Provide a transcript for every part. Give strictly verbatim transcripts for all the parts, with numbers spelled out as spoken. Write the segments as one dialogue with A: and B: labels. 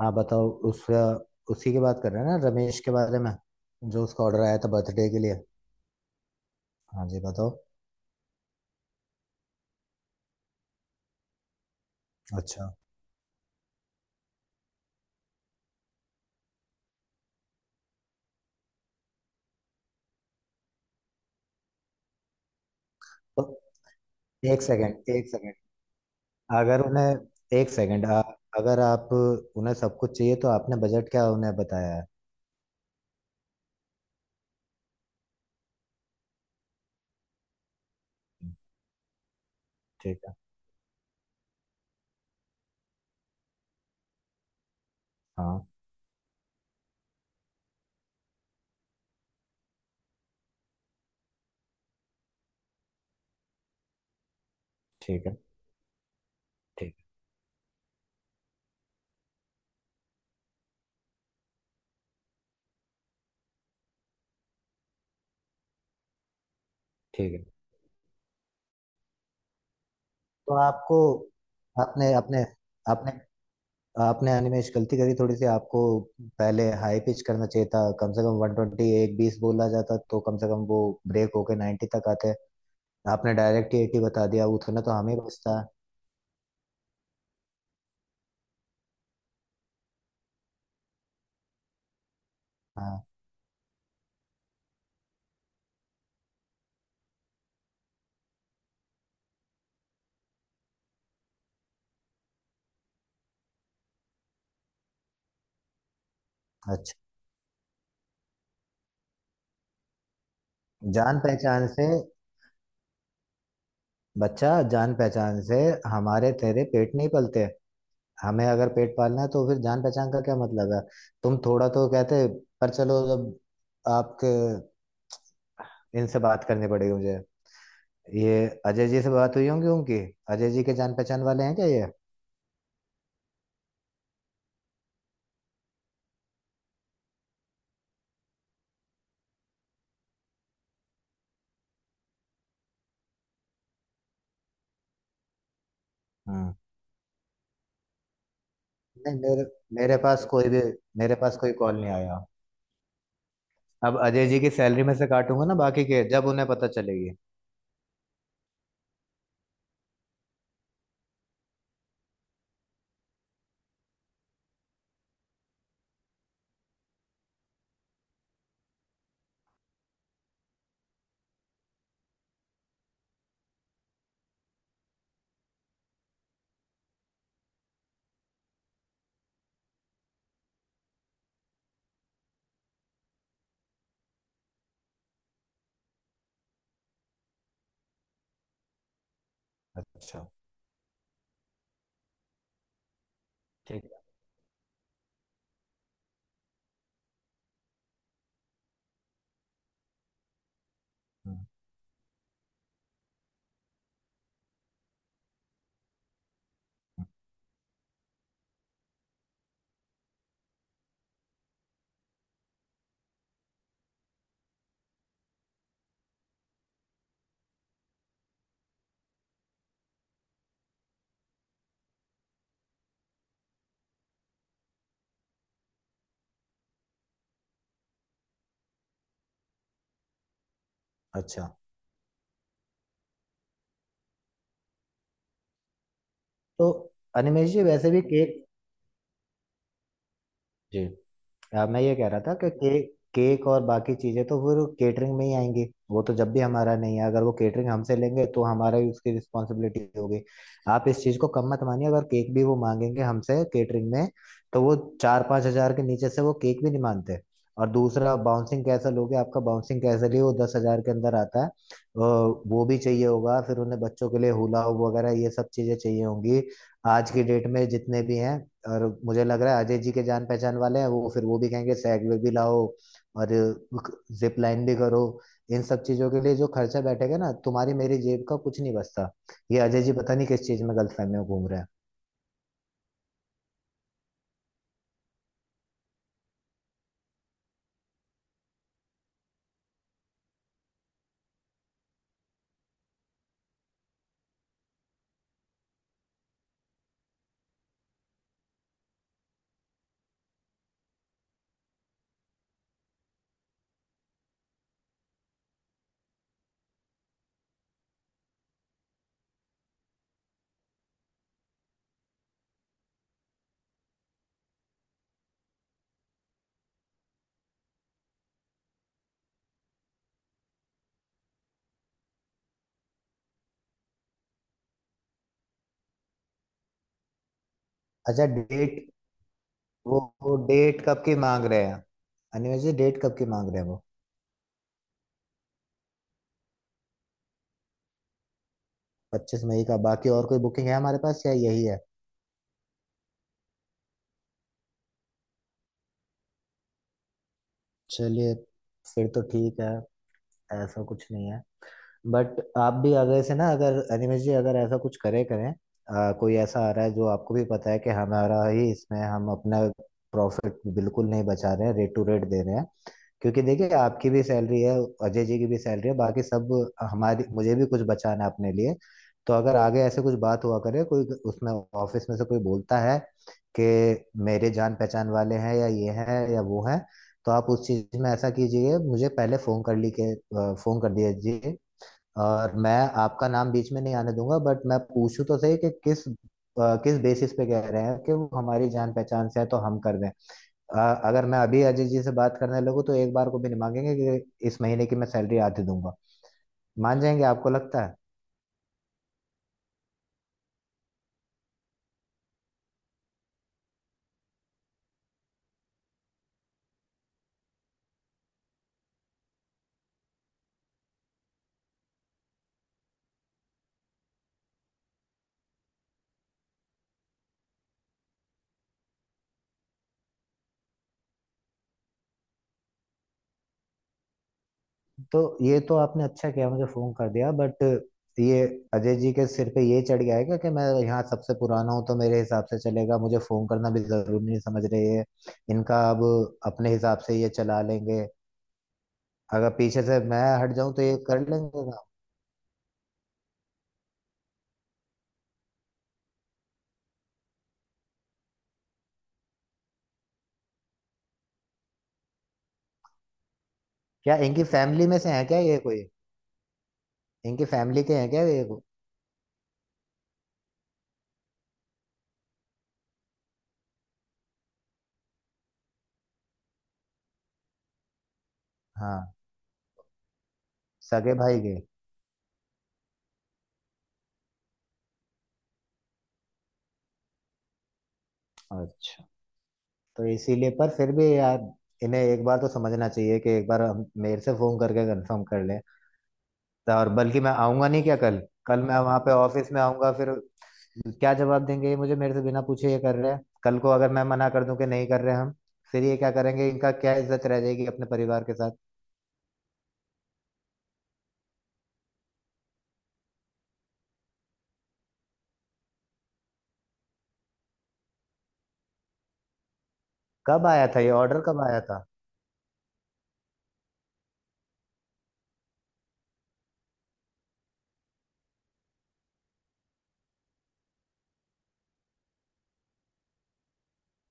A: हाँ, बताओ उसका। उसी की बात कर रहे हैं ना, रमेश के बारे में? जो उसका ऑर्डर आया था बर्थडे के लिए। हाँ जी, बताओ। अच्छा। तो एक सेकंड, एक सेकंड। अगर उन्हें एक सेकंड आ, अगर आप उन्हें सब कुछ चाहिए तो आपने बजट क्या उन्हें बताया है? ठीक है। हाँ। ठीक है। ठीक। ठीक है। तो आपको आपने आपने आपने आपने अनिमेश गलती करी थोड़ी सी। आपको पहले हाई पिच करना चाहिए था, कम से कम वन ट्वेंटी, एक बीस बोला जाता तो कम से कम वो ब्रेक होके नाइंटी तक आते। आपने डायरेक्ट ही एटी बता दिया, उतना तो हमें बचता। हाँ। अच्छा। जान पहचान से बच्चा जान पहचान से, हमारे तेरे पेट नहीं पलते। हमें अगर पेट पालना है तो फिर जान पहचान का क्या मतलब है? तुम थोड़ा तो कहते। पर चलो, जब आपके इनसे बात करनी पड़ेगी मुझे। ये अजय जी से बात हुई होंगी उनकी। अजय जी के जान पहचान वाले हैं क्या ये? हम्म। नहीं, मेरे मेरे पास कोई भी मेरे पास कोई कॉल नहीं आया। अब अजय जी की सैलरी में से काटूंगा ना बाकी के, जब उन्हें पता चलेगी। अच्छा। ठीक है। हम्म, अच्छा। तो अनिमेश जी वैसे भी केक, जी, आ, मैं ये कह रहा था कि केक केक और बाकी चीजें तो वो केटरिंग में ही आएंगी। वो तो जब भी हमारा नहीं है, अगर वो केटरिंग हमसे लेंगे तो हमारा ही उसकी रिस्पॉन्सिबिलिटी होगी। आप इस चीज को कम मत मानिए, अगर केक भी वो मांगेंगे हमसे केटरिंग में तो वो चार पांच हजार के नीचे से वो केक भी नहीं मानते। और दूसरा, बाउंसिंग कैसल हो गया। आपका बाउंसिंग कैसल ही वो दस हजार के अंदर आता है। अ, वो भी चाहिए होगा फिर उन्हें बच्चों के लिए, हुला हो वगैरह ये सब चीजें चाहिए होंगी आज की डेट में जितने भी हैं। और मुझे लग रहा है अजय जी के जान पहचान वाले हैं वो, फिर वो भी कहेंगे सैग में भी लाओ और जिप लाइन भी करो। इन सब चीजों के लिए जो खर्चा बैठेगा ना, तुम्हारी मेरी जेब का कुछ नहीं बचता। ये अजय जी पता नहीं किस चीज में गलतफहमी में घूम रहे हैं। अच्छा, डेट। वो, वो डेट कब की मांग रहे हैं? अनिमेश जी, डेट कब की मांग रहे हैं वो? पच्चीस मई का। बाकी और कोई बुकिंग है हमारे पास या यही है? चलिए, फिर तो ठीक है। ऐसा कुछ नहीं है। बट आप भी आगे से ना, अगर अनिमेश जी, अगर ऐसा कुछ करे करें, आ, कोई ऐसा आ रहा है जो आपको भी पता है कि हमारा ही इसमें हम अपना प्रॉफिट बिल्कुल नहीं बचा रहे हैं, रेट टू रेट दे रहे हैं। क्योंकि देखिए आपकी भी सैलरी है, अजय जी की भी सैलरी है, बाकी सब हमारी, मुझे भी कुछ बचाना है अपने लिए। तो अगर आगे ऐसे कुछ बात हुआ करे, कोई उसमें ऑफिस में से कोई बोलता है कि मेरे जान पहचान वाले हैं या ये हैं या वो हैं, तो आप उस चीज में ऐसा कीजिए, मुझे पहले फोन कर ली के फोन कर दीजिए। और मैं आपका नाम बीच में नहीं आने दूंगा, बट मैं पूछूं तो सही कि किस अ, किस बेसिस पे कह रहे हैं कि वो हमारी जान पहचान से है तो हम कर दें। अ, अगर मैं अभी अजय जी से बात करने लगूँ तो एक बार को भी नहीं मांगेंगे कि इस महीने की मैं सैलरी आधी दूंगा। मान जाएंगे आपको लगता है? तो ये तो आपने अच्छा किया मुझे फोन कर दिया, बट ये अजय जी के सिर पे ये चढ़ गया है क्या कि मैं यहाँ सबसे पुराना हूँ तो मेरे हिसाब से चलेगा, मुझे फोन करना भी जरूरी नहीं समझ रहे है। इनका अब अपने हिसाब से ये चला लेंगे। अगर पीछे से मैं हट जाऊं तो ये कर लेंगे काम? क्या इनकी फैमिली में से है क्या ये कोई? इनकी फैमिली के हैं क्या ये को हाँ, सगे भाई के। अच्छा, तो इसीलिए। पर फिर भी यार, इन्हें एक बार तो समझना चाहिए कि एक बार हम मेरे से फोन करके कंफर्म कर लें। तो और बल्कि मैं आऊंगा नहीं क्या कल? कल मैं वहां पे ऑफिस में आऊंगा फिर क्या जवाब देंगे ये मुझे? मेरे से बिना पूछे ये कर रहे हैं, कल को अगर मैं मना कर दूं कि नहीं कर रहे हम, फिर ये क्या करेंगे? इनका क्या इज्जत रह जाएगी अपने परिवार के साथ? कब आया था ये ऑर्डर? कब आया था?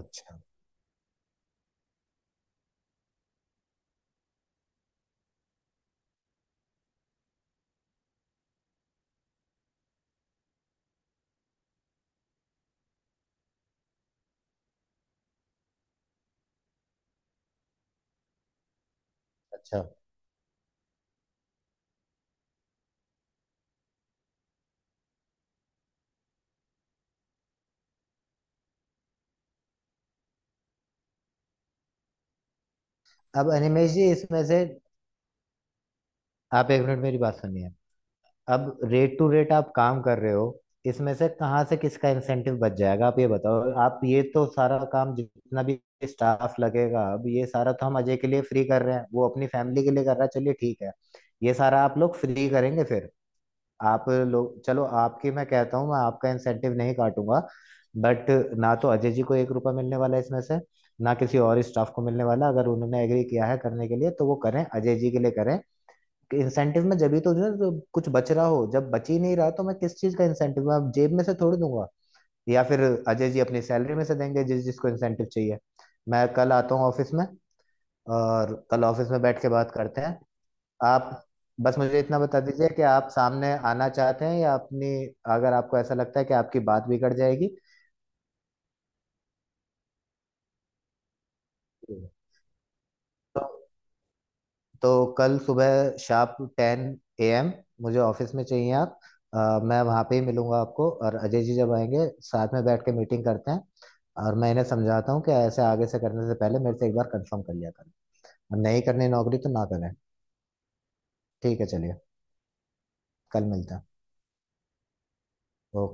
A: अच्छा। अच्छा। अब अनिमेश जी, इसमें से आप एक मिनट मेरी बात सुनिए। अब रेट टू रेट आप काम कर रहे हो, इसमें से कहाँ से किसका इंसेंटिव बच जाएगा, आप ये बताओ। आप ये तो सारा काम, जितना भी स्टाफ लगेगा, अब ये सारा तो हम अजय के लिए फ्री कर रहे हैं, वो अपनी फैमिली के लिए कर रहा है, चलिए ठीक है। ये सारा आप लोग फ्री करेंगे फिर। आप लोग चलो, आपकी मैं कहता हूँ मैं आपका इंसेंटिव नहीं काटूंगा, बट ना तो अजय जी को एक रुपया मिलने वाला है इसमें से, ना किसी और स्टाफ को मिलने वाला। अगर उन्होंने एग्री किया है करने के लिए तो वो करें, अजय जी के लिए करें। इंसेंटिव में जब ही तो जो है, तो कुछ बच रहा हो, जब बच ही नहीं रहा तो मैं किस चीज का इंसेंटिव, मैं अब जेब में से थोड़ी दूंगा? या फिर अजय जी अपनी सैलरी में से देंगे जिस जिसको इंसेंटिव चाहिए। मैं कल आता हूँ ऑफिस में, और कल ऑफिस में बैठ के बात करते हैं। आप बस मुझे इतना बता दीजिए कि आप सामने आना चाहते हैं या अपनी, अगर आपको ऐसा लगता है कि आपकी बात बिगड़ जाएगी तो तो कल सुबह शार्प टेन ए एम मुझे ऑफिस में चाहिए आप। अ, मैं वहाँ पे ही मिलूंगा आपको, और अजय जी जब आएंगे साथ में बैठ के मीटिंग करते हैं। और मैं इन्हें समझाता हूँ कि ऐसे आगे से करने से पहले मेरे से एक बार कंफर्म कर लिया करें। और नहीं करनी नौकरी तो ना करें। ठीक है, चलिए। कल मिलते हैं। ओके।